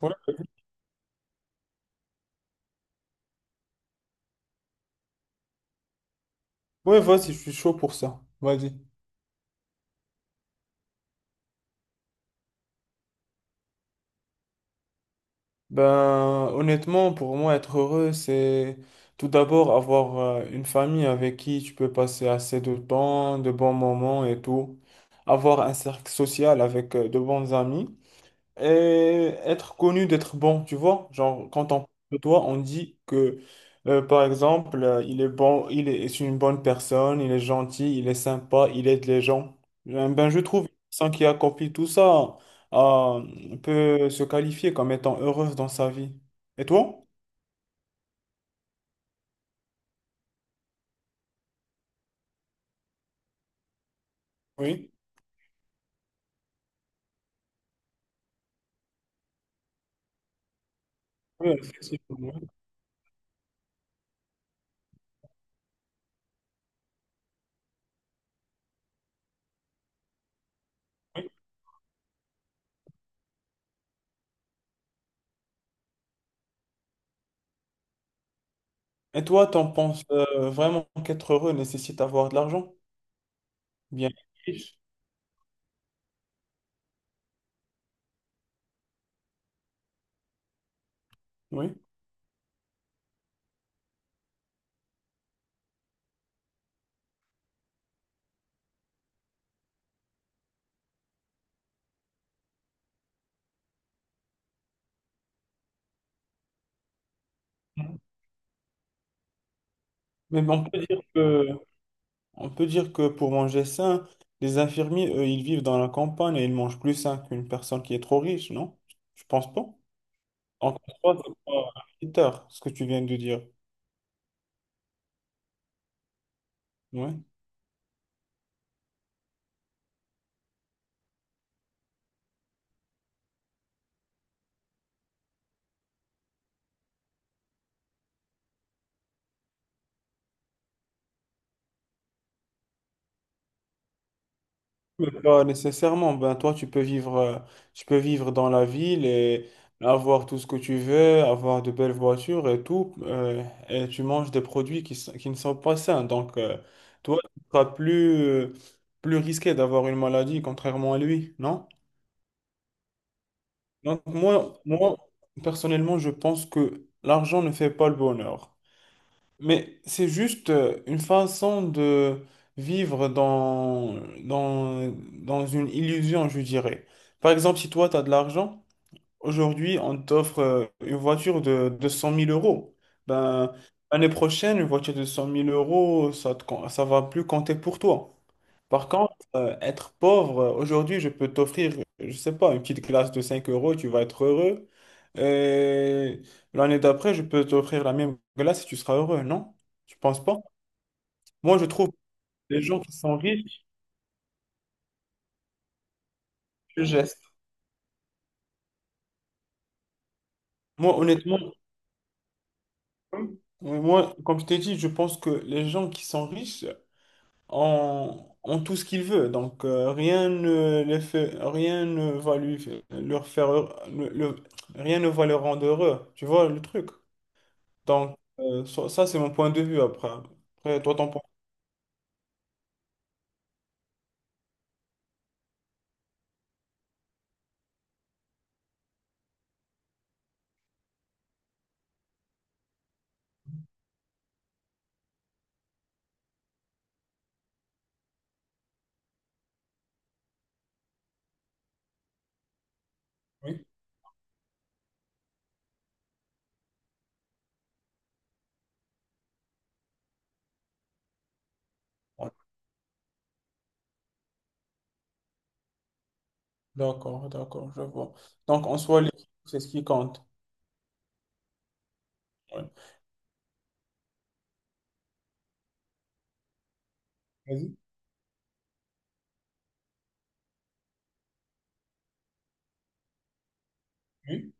Ouais, ouais, vas-y, je suis chaud pour ça. Vas-y. Ben, honnêtement, pour moi, être heureux, c'est tout d'abord avoir une famille avec qui tu peux passer assez de temps, de bons moments et tout. Avoir un cercle social avec de bons amis, et être connu, d'être bon, tu vois. Genre, quand on parle de toi, on dit que, par exemple, il est bon, il est, c'est une bonne personne, il est gentil, il est sympa, il aide les gens. Eh Ben, je trouve sans qui accomplit tout ça, peut se qualifier comme étant heureuse dans sa vie. Et toi? Oui. Oui, effectivement. Et toi, t'en penses vraiment qu'être heureux nécessite d'avoir de l'argent? Bien riche, oui. Mais on peut dire que On peut dire que pour manger sain, les infirmiers, eux, ils vivent dans la campagne et ils mangent plus sain qu'une personne qui est trop riche, non? Je pense pas. Encore toi, c'est pas un critère, ce que tu viens de dire. Ouais. Mais pas nécessairement. Ben, toi, tu peux vivre dans la ville et avoir tout ce que tu veux, avoir de belles voitures et tout, et tu manges des produits qui ne sont pas sains. Donc, toi, tu seras plus, euh, plus risqué d'avoir une maladie, contrairement à lui, non? Donc moi, personnellement, je pense que l'argent ne fait pas le bonheur. Mais c'est juste une façon de vivre dans une illusion, je dirais. Par exemple, si toi, tu as de l'argent, aujourd'hui, on t'offre une voiture de cent mille euros. Ben, l'année prochaine, une voiture de cent mille euros, ça va plus compter pour toi. Par contre, être pauvre, aujourd'hui, je peux t'offrir, je sais pas, une petite glace de 5 euros, tu vas être heureux. Et l'année d'après, je peux t'offrir la même glace et tu seras heureux, non? Tu penses pas? Moi, je trouve les gens qui sont riches, je geste. Moi, honnêtement, oui, moi, comme je t'ai dit, je pense que les gens qui sont riches, en, en tout ce qu'il veut. Donc, rien ne les fait, rien ne va lui leur faire, heure- le- rien ne va le rendre heureux. Tu vois le truc? Donc, ça, c'est mon point de vue. Après. Après, toi, ton point de vue? Oui. D'accord, d'accord, je vois. Donc, en soi, les- c'est ce qui compte. Ouais. Vas-y. Oui.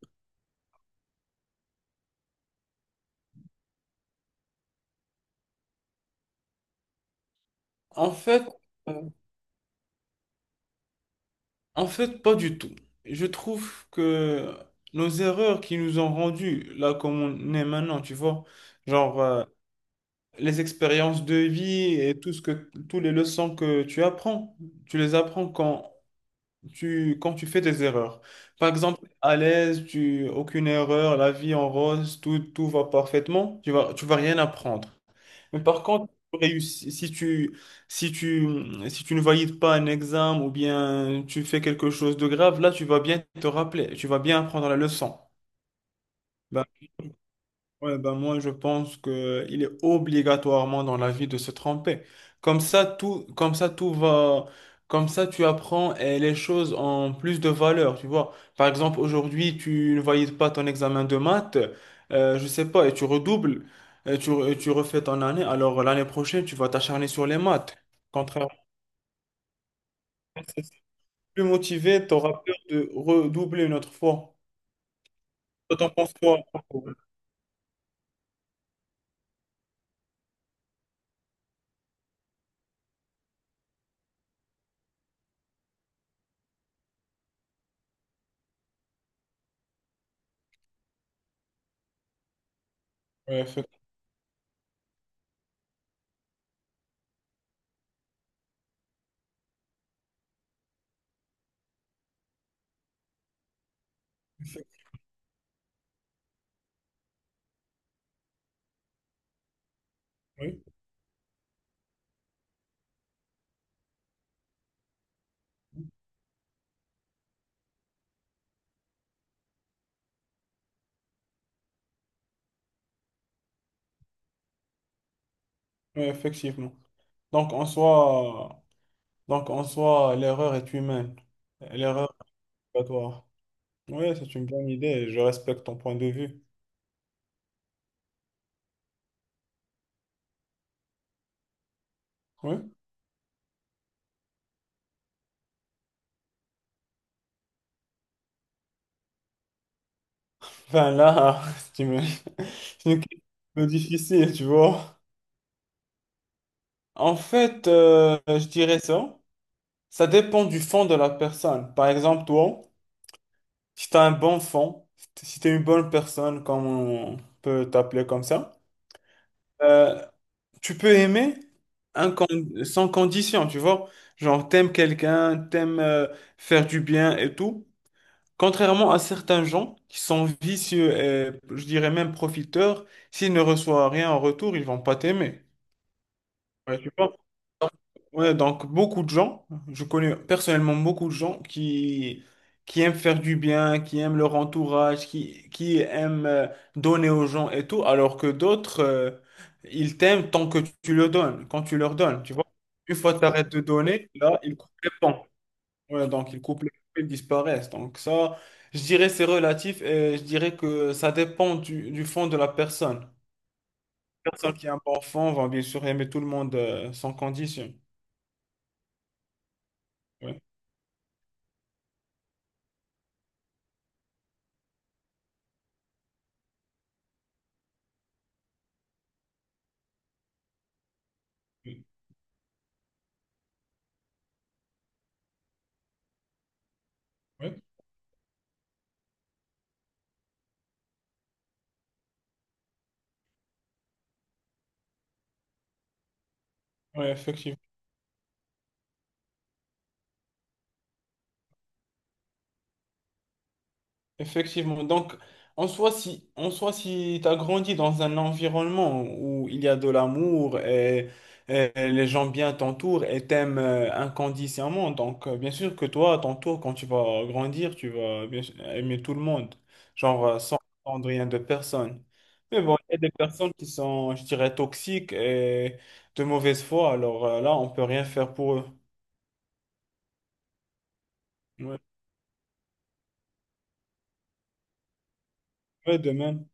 En fait, euh, pas du tout. Je trouve que nos erreurs qui nous ont rendus là comme on est maintenant, tu vois, genre, euh, les expériences de vie et tous les leçons que tu apprends, tu les apprends quand tu fais des erreurs. Par exemple, à l'aise, tu, aucune erreur, la vie en rose, tout va parfaitement, tu vas rien apprendre. Mais par contre, si tu réussis- si tu, si tu, si tu ne valides pas un examen ou bien tu fais quelque chose de grave, là, tu vas bien te rappeler, tu vas bien apprendre la leçon. Ben, Ouais, ben, moi, je pense que il est obligatoirement dans la vie de se tromper. Comme ça, tout, comme ça, tout va, comme ça, tu apprends les choses en plus de valeur, tu vois. Par exemple, aujourd'hui, tu ne valides pas ton examen de maths, je sais pas, et tu redoubles, et tu refais ton année. Alors, l'année prochaine, tu vas t'acharner sur les maths. Contrairement, si tu plus motivé, tu auras peur de redoubler une autre fois. Toi, t'en penses quoi? Ouais, oui, ouais, effectivement. Donc, en soi. Donc, en soi, l'erreur est humaine. L'erreur est obligatoire. Oui, c'est une bonne idée, et je respecte ton point de vue. Oui. Enfin, là, c'est une c'est une question difficile, tu vois. En fait, je dirais ça. Ça dépend du fond de la personne. Par exemple, toi, si tu as un bon fond, si tu es une bonne personne, comme on peut t'appeler comme ça, euh, tu peux aimer sans condition, tu vois. Genre, t'aimes quelqu'un, t'aimes faire du bien et tout. Contrairement à certains gens qui sont vicieux et je dirais même profiteurs, s'ils ne reçoivent rien en retour, ils vont pas t'aimer. Ouais, tu vois? Ouais, donc beaucoup de gens, je connais personnellement beaucoup de gens qui aiment faire du bien, qui aiment leur entourage, qui aiment donner aux gens et tout, alors que d'autres, ils t'aiment tant que tu le donnes, quand tu leur donnes, tu vois? Une fois que tu arrêtes de donner, là, ils coupent les ponts. Ouais, donc ils coupent les cheveux, ils disparaissent. Donc ça, je dirais c'est relatif et je dirais que ça dépend du fond de la personne. La personne qui est un bon fond va bien sûr aimer tout le monde sans condition. Ouais, ouais, ouais, ouais, effectivement. Effectivement. En soi, si tu as grandi dans un environnement où il y a de l'amour et les gens bien t'entourent et t'aiment inconditionnellement, donc bien sûr que toi, à ton tour, quand tu vas grandir, tu vas bien sûr aimer tout le monde, sans attendre rien de personne. Mais bon, il y a des personnes qui sont, je dirais, toxiques et de mauvaise foi, alors là, on peut rien faire pour eux. Ouais, ouais, de même.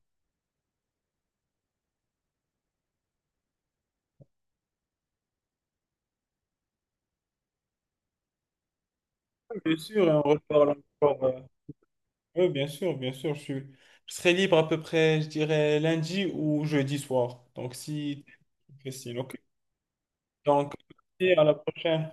Bien sûr, et on reparle encore. Oui, bien sûr, bien sûr. Je serai libre à peu près, je dirais, lundi ou jeudi soir. Donc, si... Christine, ok. Donc, à la prochaine.